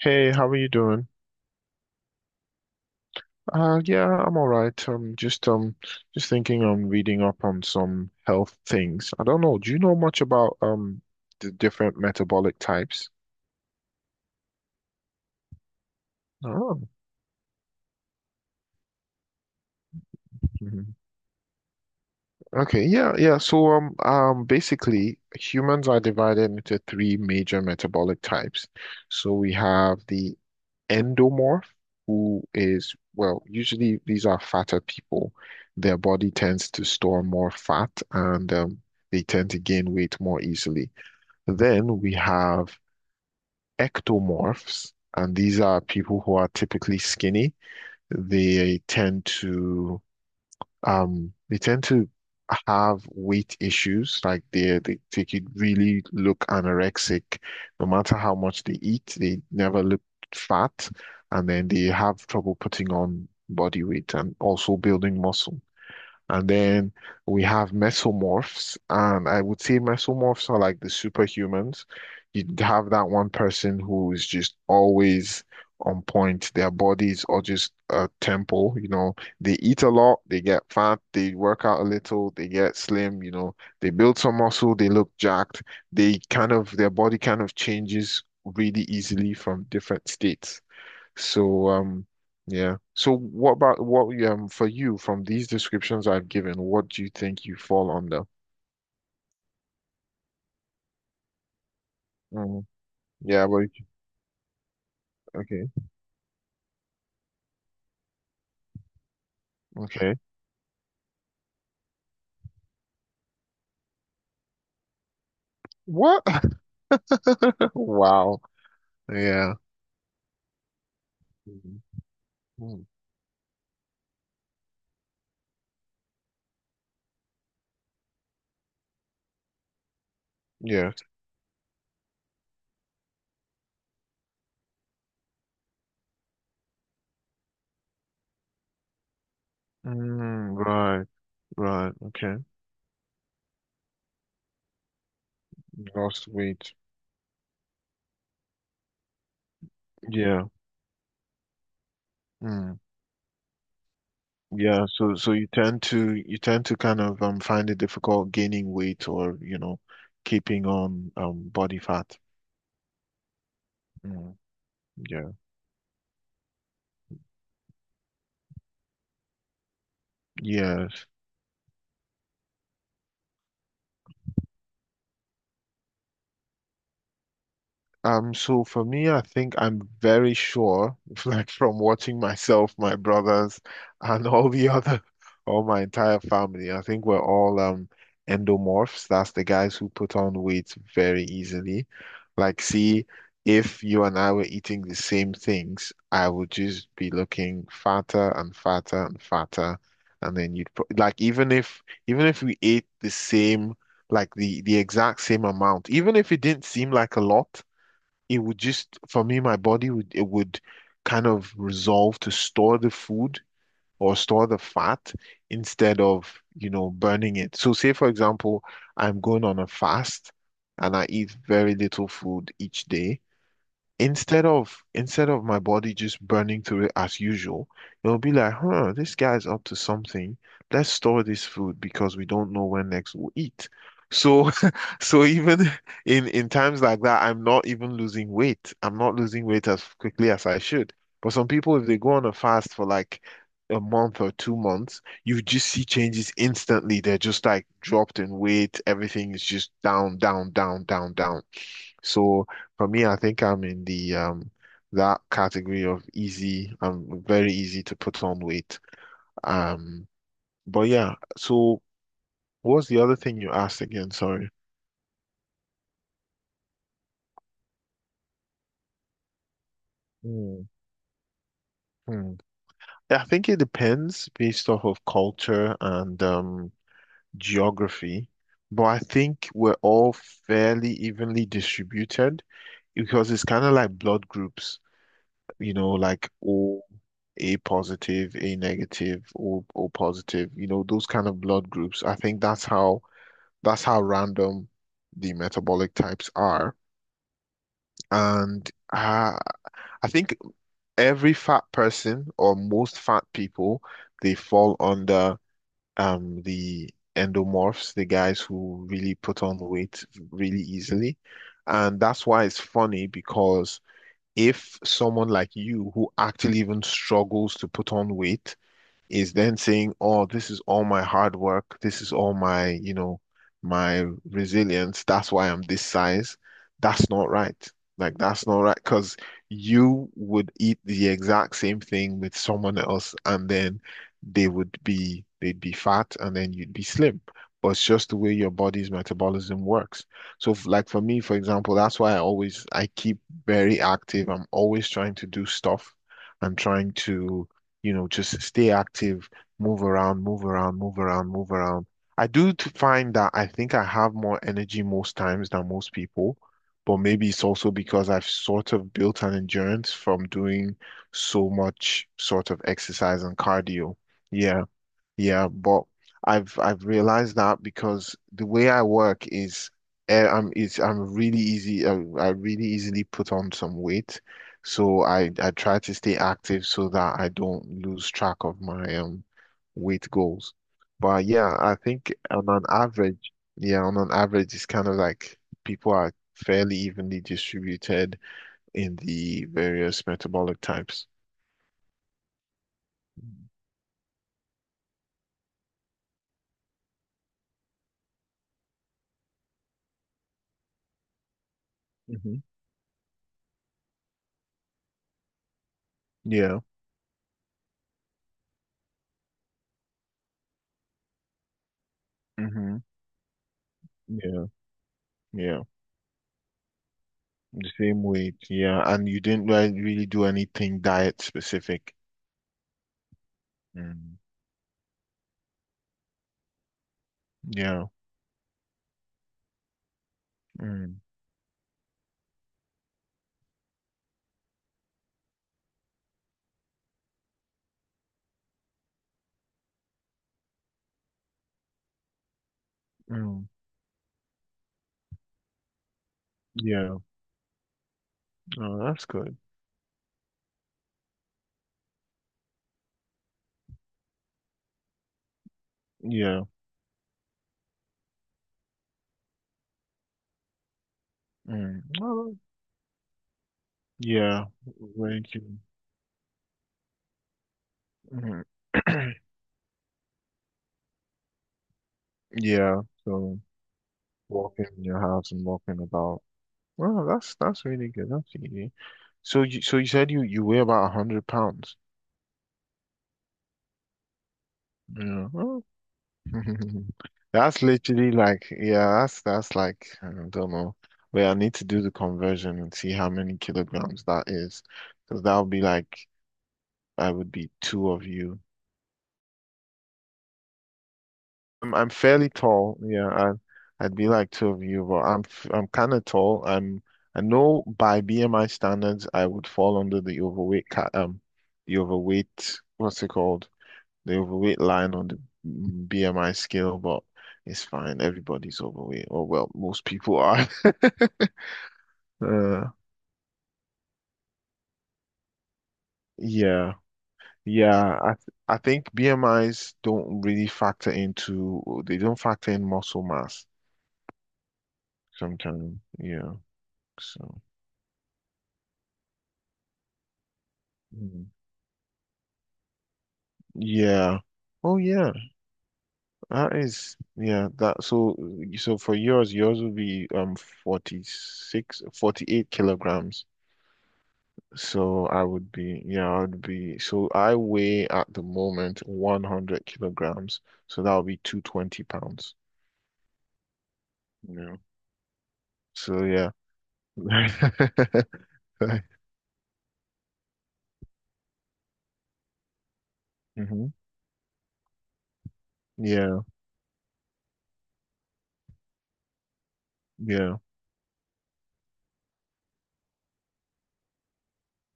Hey, how are you doing? Yeah, I'm all right. Just thinking on reading up on some health things. I don't know. Do you know much about the different metabolic types? Oh, mhm. Okay. Yeah, yeah. Basically, humans are divided into three major metabolic types. So we have the endomorph, who is, well, usually these are fatter people. Their body tends to store more fat and they tend to gain weight more easily. Then we have ectomorphs, and these are people who are typically skinny. They tend to um they tend to have weight issues like they could really look anorexic no matter how much they eat. They never look fat, and then they have trouble putting on body weight and also building muscle. And then we have mesomorphs, and I would say mesomorphs are like the superhumans. You'd have that one person who is just always on point. Their bodies are just a temple, you know. They eat a lot, they get fat, they work out a little, they get slim, you know. They build some muscle, they look jacked. Their body kind of changes really easily from different states. So yeah. So what about, what for you, from these descriptions I've given, what do you think you fall under? Mm, yeah, but okay, okay. What? Wow. Yeah. Mhm. Mm, yes. Mm, right, right. Okay. Lost weight. Yeah. Mm, yeah. So so you tend to kind of find it difficult gaining weight or, you know, keeping on body fat. Mm, yeah. Yes. So for me, I think I'm very sure, like from watching myself, my brothers, and all my entire family, I think we're all endomorphs. That's the guys who put on weight very easily. Like, see, if you and I were eating the same things, I would just be looking fatter and fatter and fatter. And then you'd pro- like even if we ate the same, like the exact same amount, even if it didn't seem like a lot, it would just, for me, my body would, it would kind of resolve to store the food or store the fat instead of, you know, burning it. So say for example I'm going on a fast and I eat very little food each day, instead of my body just burning through it as usual, it'll be like, huh, this guy's up to something. Let's store this food because we don't know when next we'll eat. So so even in times like that, I'm not even losing weight. I'm not losing weight as quickly as I should. But some people, if they go on a fast for like a month or 2 months, you just see changes instantly. They're just like dropped in weight. Everything is just down, down, down, down, down. So for me, I think I'm in the that category of easy. I'm very easy to put on weight. Um, but yeah, so what's the other thing you asked again? Sorry. Hmm. Hmm. I think it depends based off of culture and geography, but I think we're all fairly evenly distributed because it's kind of like blood groups. You know, like O, A positive, A negative, O, O positive, you know, those kind of blood groups. I think that's how, that's how random the metabolic types are. And I think every fat person, or most fat people, they fall under the endomorphs, the guys who really put on weight really easily. And that's why it's funny, because if someone like you who actually even struggles to put on weight is then saying, "Oh, this is all my hard work. This is all my, you know, my resilience. That's why I'm this size." That's not right. Like that's not right because you would eat the exact same thing with someone else, and then they'd be fat, and then you'd be slim. But it's just the way your body's metabolism works. So, f- like for me, for example, that's why I keep very active. I'm always trying to do stuff. I'm trying to, you know, just stay active, move around, move around, move around, move around. I do t- find that I think I have more energy most times than most people, but maybe it's also because I've sort of built an endurance from doing so much sort of exercise and cardio. Yeah. Yeah, but I've realized that because the way I work is, eh, I'm really easy, I really easily put on some weight. So I try to stay active so that I don't lose track of my weight goals. But yeah, I think on an average, yeah, on an average it's kind of like people are fairly evenly distributed in the various metabolic types. Hmm. Yeah. Hmm. Yeah. Yeah. The same weight, yeah. And you didn't re- really do anything diet specific. Mm. Yeah. Mm. Mm. Yeah. Oh, that's good. Yeah. Mm. Well, yeah. Thank you. Mm. Yeah. So walking in your house and walking about. Well, that's really good. That's easy. So you you said you you weigh about 100 pounds. Yeah. Oh, that's literally like, yeah, that's like, I don't know. Wait, I need to do the conversion and see how many kilograms that is, because that would be like, I would be two of you. I'm fairly tall, yeah. I, I'd be like two of you, but I'm f- I'm kind of tall. I'm, I know by BMI standards, I would fall under the overweight ca the overweight, what's it called, the overweight line on the BMI scale. But it's fine. Everybody's overweight, or well, most people are. Uh, yeah, yeah. I think BMIs don't really factor into, they don't factor in muscle mass sometimes. Yeah. So, mm, yeah. Oh yeah. That is, yeah. That, so so for yours, yours would be 46, 48 kilograms. So I would be, yeah, I would be. So I weigh at the moment 100 kilograms. So that would be 220 pounds. Yeah. So yeah. Hmm. Yeah. Yeah.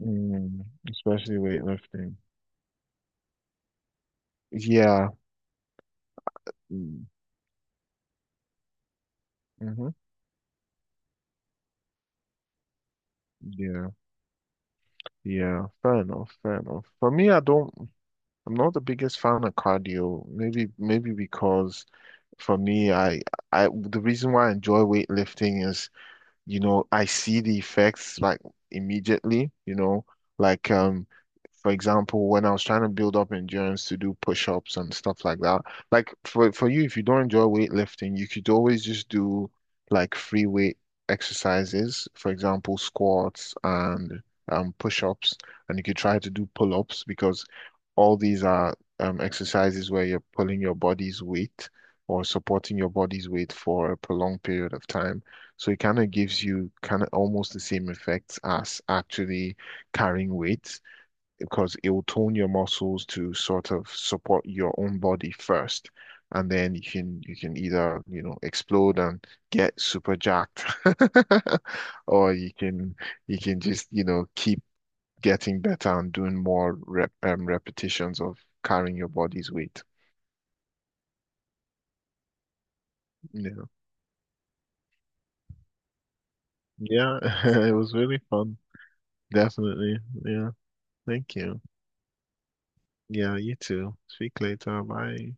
Mm, especially weightlifting. Yeah. Mm, hmm. Yeah. Yeah. Fair enough. Fair enough. For me, I don't, I'm not the biggest fan of cardio. Maybe, maybe because for me, the reason why I enjoy weightlifting is, you know, I see the effects like immediately, you know, like for example, when I was trying to build up endurance to do push-ups and stuff like that. Like for you, if you don't enjoy weightlifting, you could always just do like free weight exercises, for example, squats and push-ups, and you could try to do pull-ups, because all these are exercises where you're pulling your body's weight or supporting your body's weight for a prolonged period of time. So it kind of gives you kind of almost the same effects as actually carrying weight, because it will tone your muscles to sort of support your own body first. And then you can, you can either, you know, explode and get super jacked or you can, you can just, you know, keep getting better and doing more rep, repetitions of carrying your body's weight. Yeah. Yeah, it was really fun. Definitely. Yeah. Thank you. Yeah, you too. Speak later. Bye.